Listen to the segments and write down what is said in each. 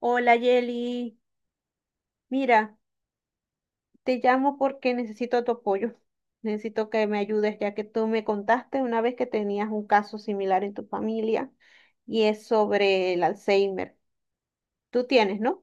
Hola Yeli, mira, te llamo porque necesito tu apoyo. Necesito que me ayudes, ya que tú me contaste una vez que tenías un caso similar en tu familia y es sobre el Alzheimer. Tú tienes, ¿no?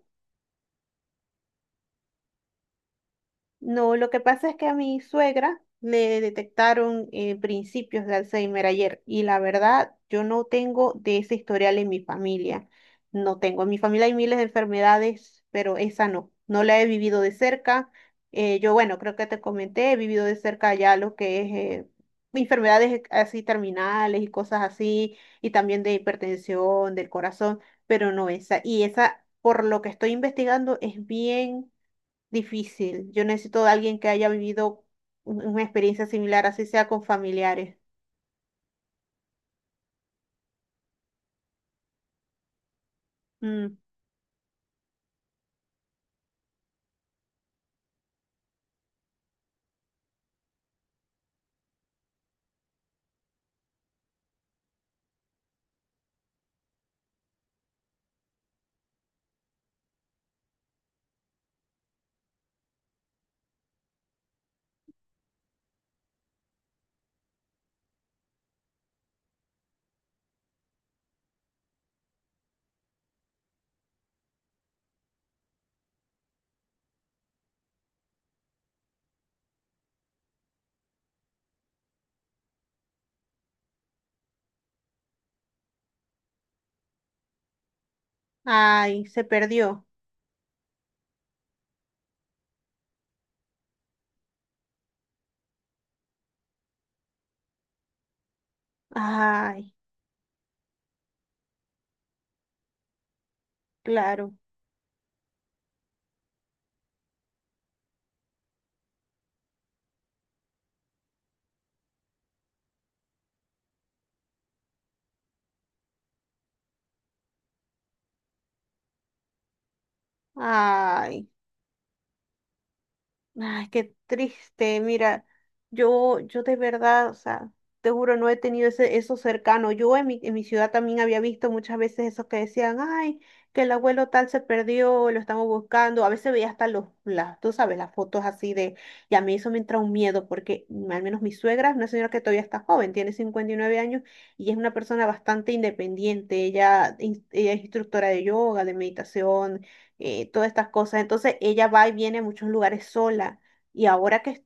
No, lo que pasa es que a mi suegra le detectaron principios de Alzheimer ayer, y la verdad yo no tengo de ese historial en mi familia. No tengo. En mi familia hay miles de enfermedades, pero esa no. No la he vivido de cerca. Yo, bueno, creo que te comenté, he vivido de cerca ya lo que es eh, enfermedades así terminales y cosas así, y también de hipertensión, del corazón, pero no esa. Y esa, por lo que estoy investigando, es bien difícil. Yo necesito de alguien que haya vivido una experiencia similar, así sea con familiares. Mm. Ay, se perdió. Ay, claro. Ay. Ay, qué triste. Mira, yo de verdad, o sea, te juro, no he tenido eso cercano. Yo en mi ciudad también había visto muchas veces esos que decían, ay, que el abuelo tal se perdió, lo estamos buscando. A veces veía hasta los, las, tú sabes, las fotos así de... Y a mí eso me entra un miedo, porque al menos mi suegra es una señora que todavía está joven, tiene 59 años y es una persona bastante independiente. Ella es instructora de yoga, de meditación, todas estas cosas. Entonces ella va y viene a muchos lugares sola. Y ahora que,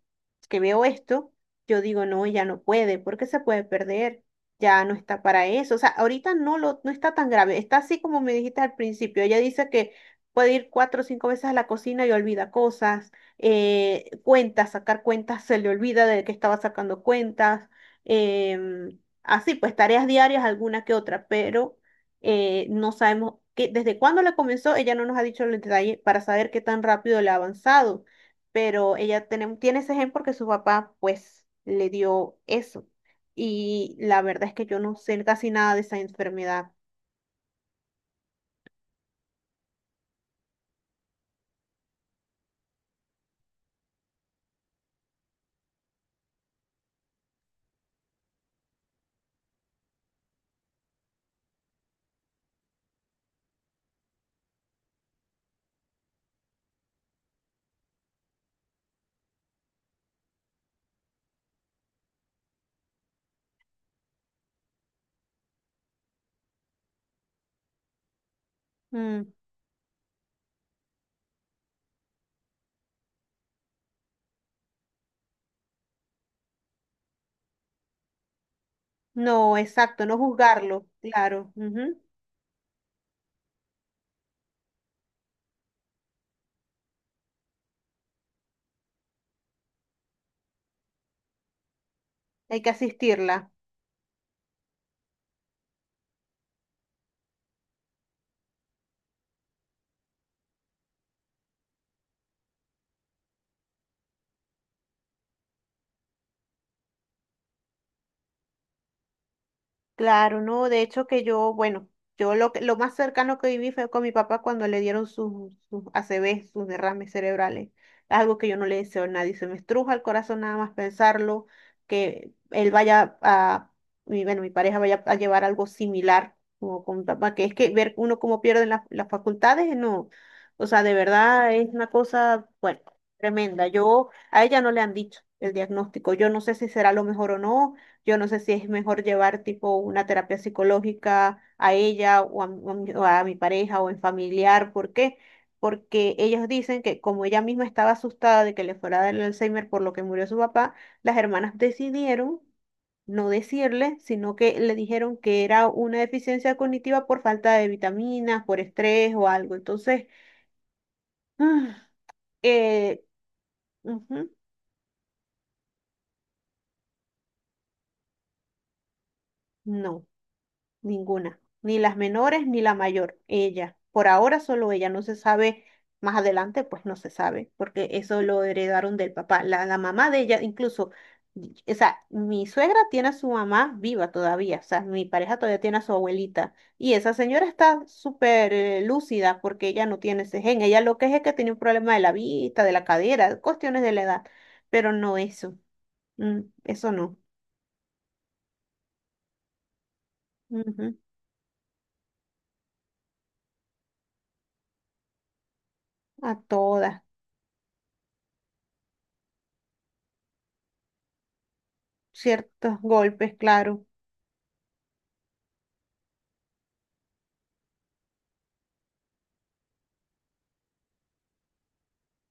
que veo esto, yo digo, no, ya no puede, porque se puede perder, ya no está para eso. O sea, ahorita no, lo, no está tan grave, está así como me dijiste al principio. Ella dice que puede ir cuatro o cinco veces a la cocina y olvida cosas, cuentas, sacar cuentas, se le olvida de que estaba sacando cuentas. em, Así pues, tareas diarias, alguna que otra, pero no sabemos desde cuándo le comenzó. Ella no nos ha dicho el detalle para saber qué tan rápido le ha avanzado, pero ella tiene ese gen porque su papá pues le dio eso. Y la verdad es que yo no sé casi nada de esa enfermedad. Mm, no, exacto, no juzgarlo, claro. Ujú. Hay que asistirla. Claro, no, de hecho que yo, bueno, lo más cercano que viví fue con mi papá cuando le dieron sus ACV, sus derrames cerebrales. Algo que yo no le deseo a nadie, se me estruja el corazón nada más pensarlo, que él vaya a... mi, bueno, mi pareja vaya a llevar algo similar como con mi papá, que es que ver uno cómo pierden las facultades. No, o sea, de verdad es una cosa, bueno, tremenda. Yo, a ella no le han dicho el diagnóstico, yo no sé si será lo mejor o no. Yo no sé si es mejor llevar tipo una terapia psicológica a ella o o a mi pareja o en familiar. ¿Por qué? Porque ellos dicen que como ella misma estaba asustada de que le fuera a dar el Alzheimer por lo que murió su papá, las hermanas decidieron no decirle, sino que le dijeron que era una deficiencia cognitiva por falta de vitaminas, por estrés o algo. Entonces, eh, ujú, no. Ninguna, ni las menores ni la mayor, ella. Por ahora solo ella, no se sabe, más adelante pues no se sabe, porque eso lo heredaron del papá. La mamá de ella, incluso, o sea, mi suegra tiene a su mamá viva todavía. O sea, mi pareja todavía tiene a su abuelita. Y esa señora está súper lúcida porque ella no tiene ese gen. Ella lo que es que tiene un problema de la vista, de la cadera, cuestiones de la edad, pero no eso. Mm, eso no. Ujú. A todas, ciertos golpes, claro.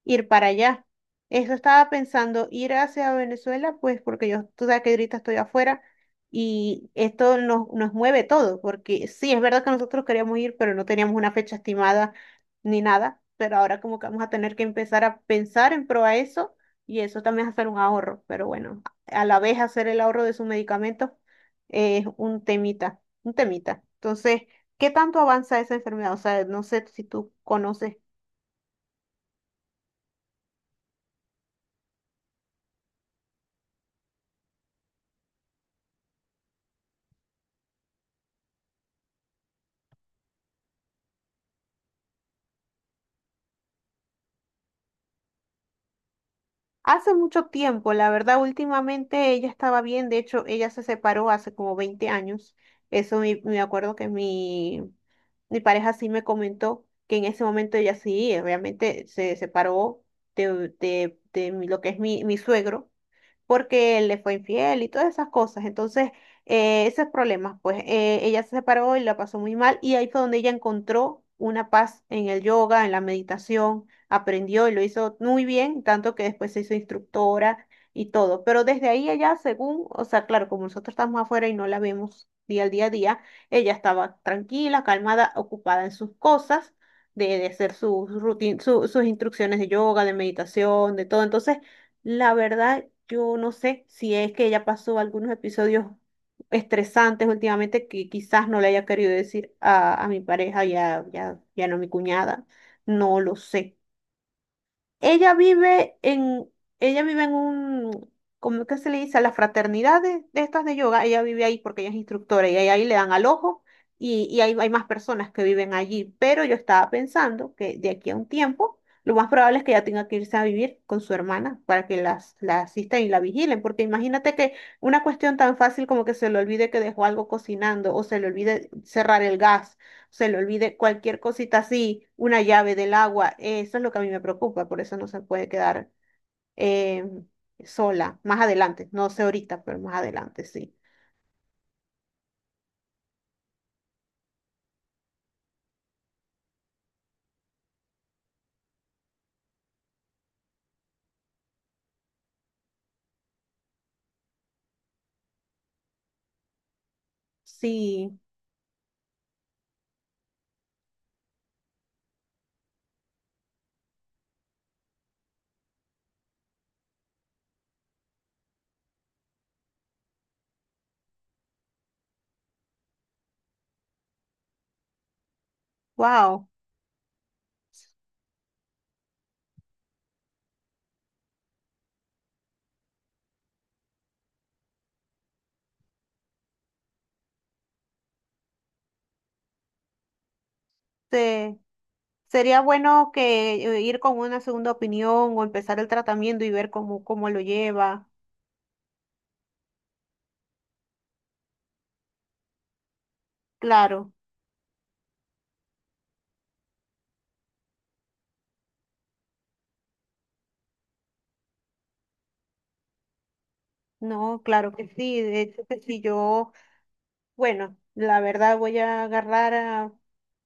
Ir para allá. Eso estaba pensando, ir hacia Venezuela, pues porque yo, tú sabes que ahorita estoy afuera y esto nos mueve todo, porque sí, es verdad que nosotros queríamos ir, pero no teníamos una fecha estimada ni nada, pero ahora como que vamos a tener que empezar a pensar en pro a eso. Y eso también es hacer un ahorro, pero bueno, a la vez hacer el ahorro de sus medicamentos es un temita, un temita. Entonces, ¿qué tanto avanza esa enfermedad? O sea, no sé si tú conoces. Hace mucho tiempo, la verdad, últimamente ella estaba bien, de hecho, ella se separó hace como 20 años. Eso me acuerdo que mi pareja sí me comentó que en ese momento ella sí, obviamente se separó lo que es mi suegro, porque él le fue infiel y todas esas cosas. Entonces, esos problemas, pues ella se separó y la pasó muy mal, y ahí fue donde ella encontró una paz en el yoga, en la meditación, aprendió y lo hizo muy bien, tanto que después se hizo instructora y todo. Pero desde ahí ella, según, o sea, claro, como nosotros estamos afuera y no la vemos día al día a día, ella estaba tranquila, calmada, ocupada en sus cosas. De hacer sus instrucciones de yoga, de meditación, de todo. Entonces, la verdad, yo no sé si es que ella pasó algunos episodios estresantes últimamente que quizás no le haya querido decir a mi pareja, ya, ya no a mi cuñada, no lo sé. Ella vive en, ella vive en un... ¿cómo que se le dice? A las fraternidades de estas de yoga, ella vive ahí porque ella es instructora y ahí le dan al ojo, y, hay más personas que viven allí. Pero yo estaba pensando que de aquí a un tiempo lo más probable es que ella tenga que irse a vivir con su hermana para que la asistan y la vigilen, porque imagínate que una cuestión tan fácil como que se le olvide que dejó algo cocinando, o se le olvide cerrar el gas, se le olvide cualquier cosita así, una llave del agua, eso es lo que a mí me preocupa. Por eso no se puede quedar eh, sola, más adelante. No sé ahorita, pero más adelante sí. Sí, wow. se- Sería bueno que ir con una segunda opinión o empezar el tratamiento y ver cómo lo lleva. Claro, no, claro que sí, de hecho que sí, yo bueno, la verdad voy a agarrar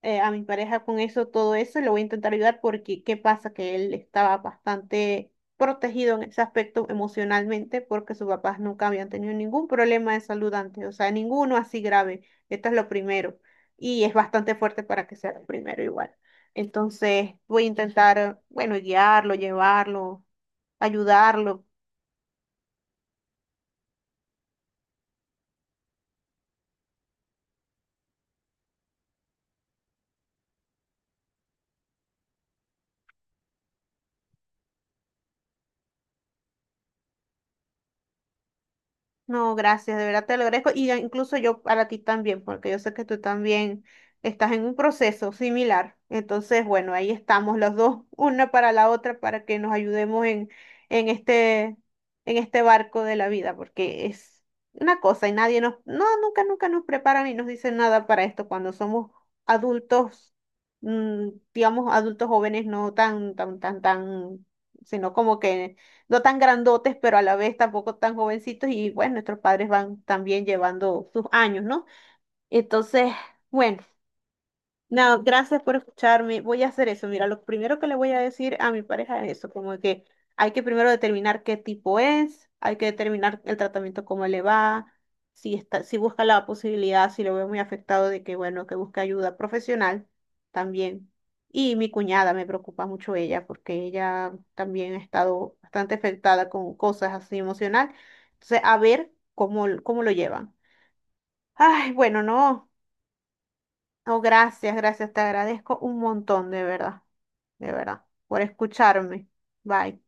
a mi pareja con eso, todo eso, y le voy a intentar ayudar porque qué pasa que él estaba bastante protegido en ese aspecto emocionalmente porque sus papás nunca habían tenido ningún problema de salud antes, o sea, ninguno así grave. Esto es lo primero y es bastante fuerte para que sea lo primero igual. Entonces voy a intentar, bueno, guiarlo, llevarlo, ayudarlo. No, gracias, de verdad te lo agradezco. Y ya incluso yo para ti también, porque yo sé que tú también estás en un proceso similar. Entonces, bueno, ahí estamos los dos, una para la otra, para que nos ayudemos en este, en este barco de la vida, porque es una cosa y nadie no, nunca nos preparan ni nos dicen nada para esto cuando somos adultos, mm, digamos, adultos jóvenes, no tan, tan, tan, tan, sino como que no tan grandotes, pero a la vez tampoco tan jovencitos, y bueno, nuestros padres van también llevando sus años, ¿no? Entonces, bueno. No, gracias por escucharme. Voy a hacer eso. Mira, lo primero que le voy a decir a mi pareja es eso, como que hay que primero determinar qué tipo es, hay que determinar el tratamiento, cómo le va, si está, si busca la posibilidad, si lo veo muy afectado, de que, bueno, que busque ayuda profesional también. Y mi cuñada me preocupa mucho ella, porque ella también ha estado bastante afectada con cosas así emocional. Entonces, a ver cómo lo llevan. Ay, bueno, no. Oh, gracias, gracias, te agradezco un montón, de verdad, por escucharme. Bye.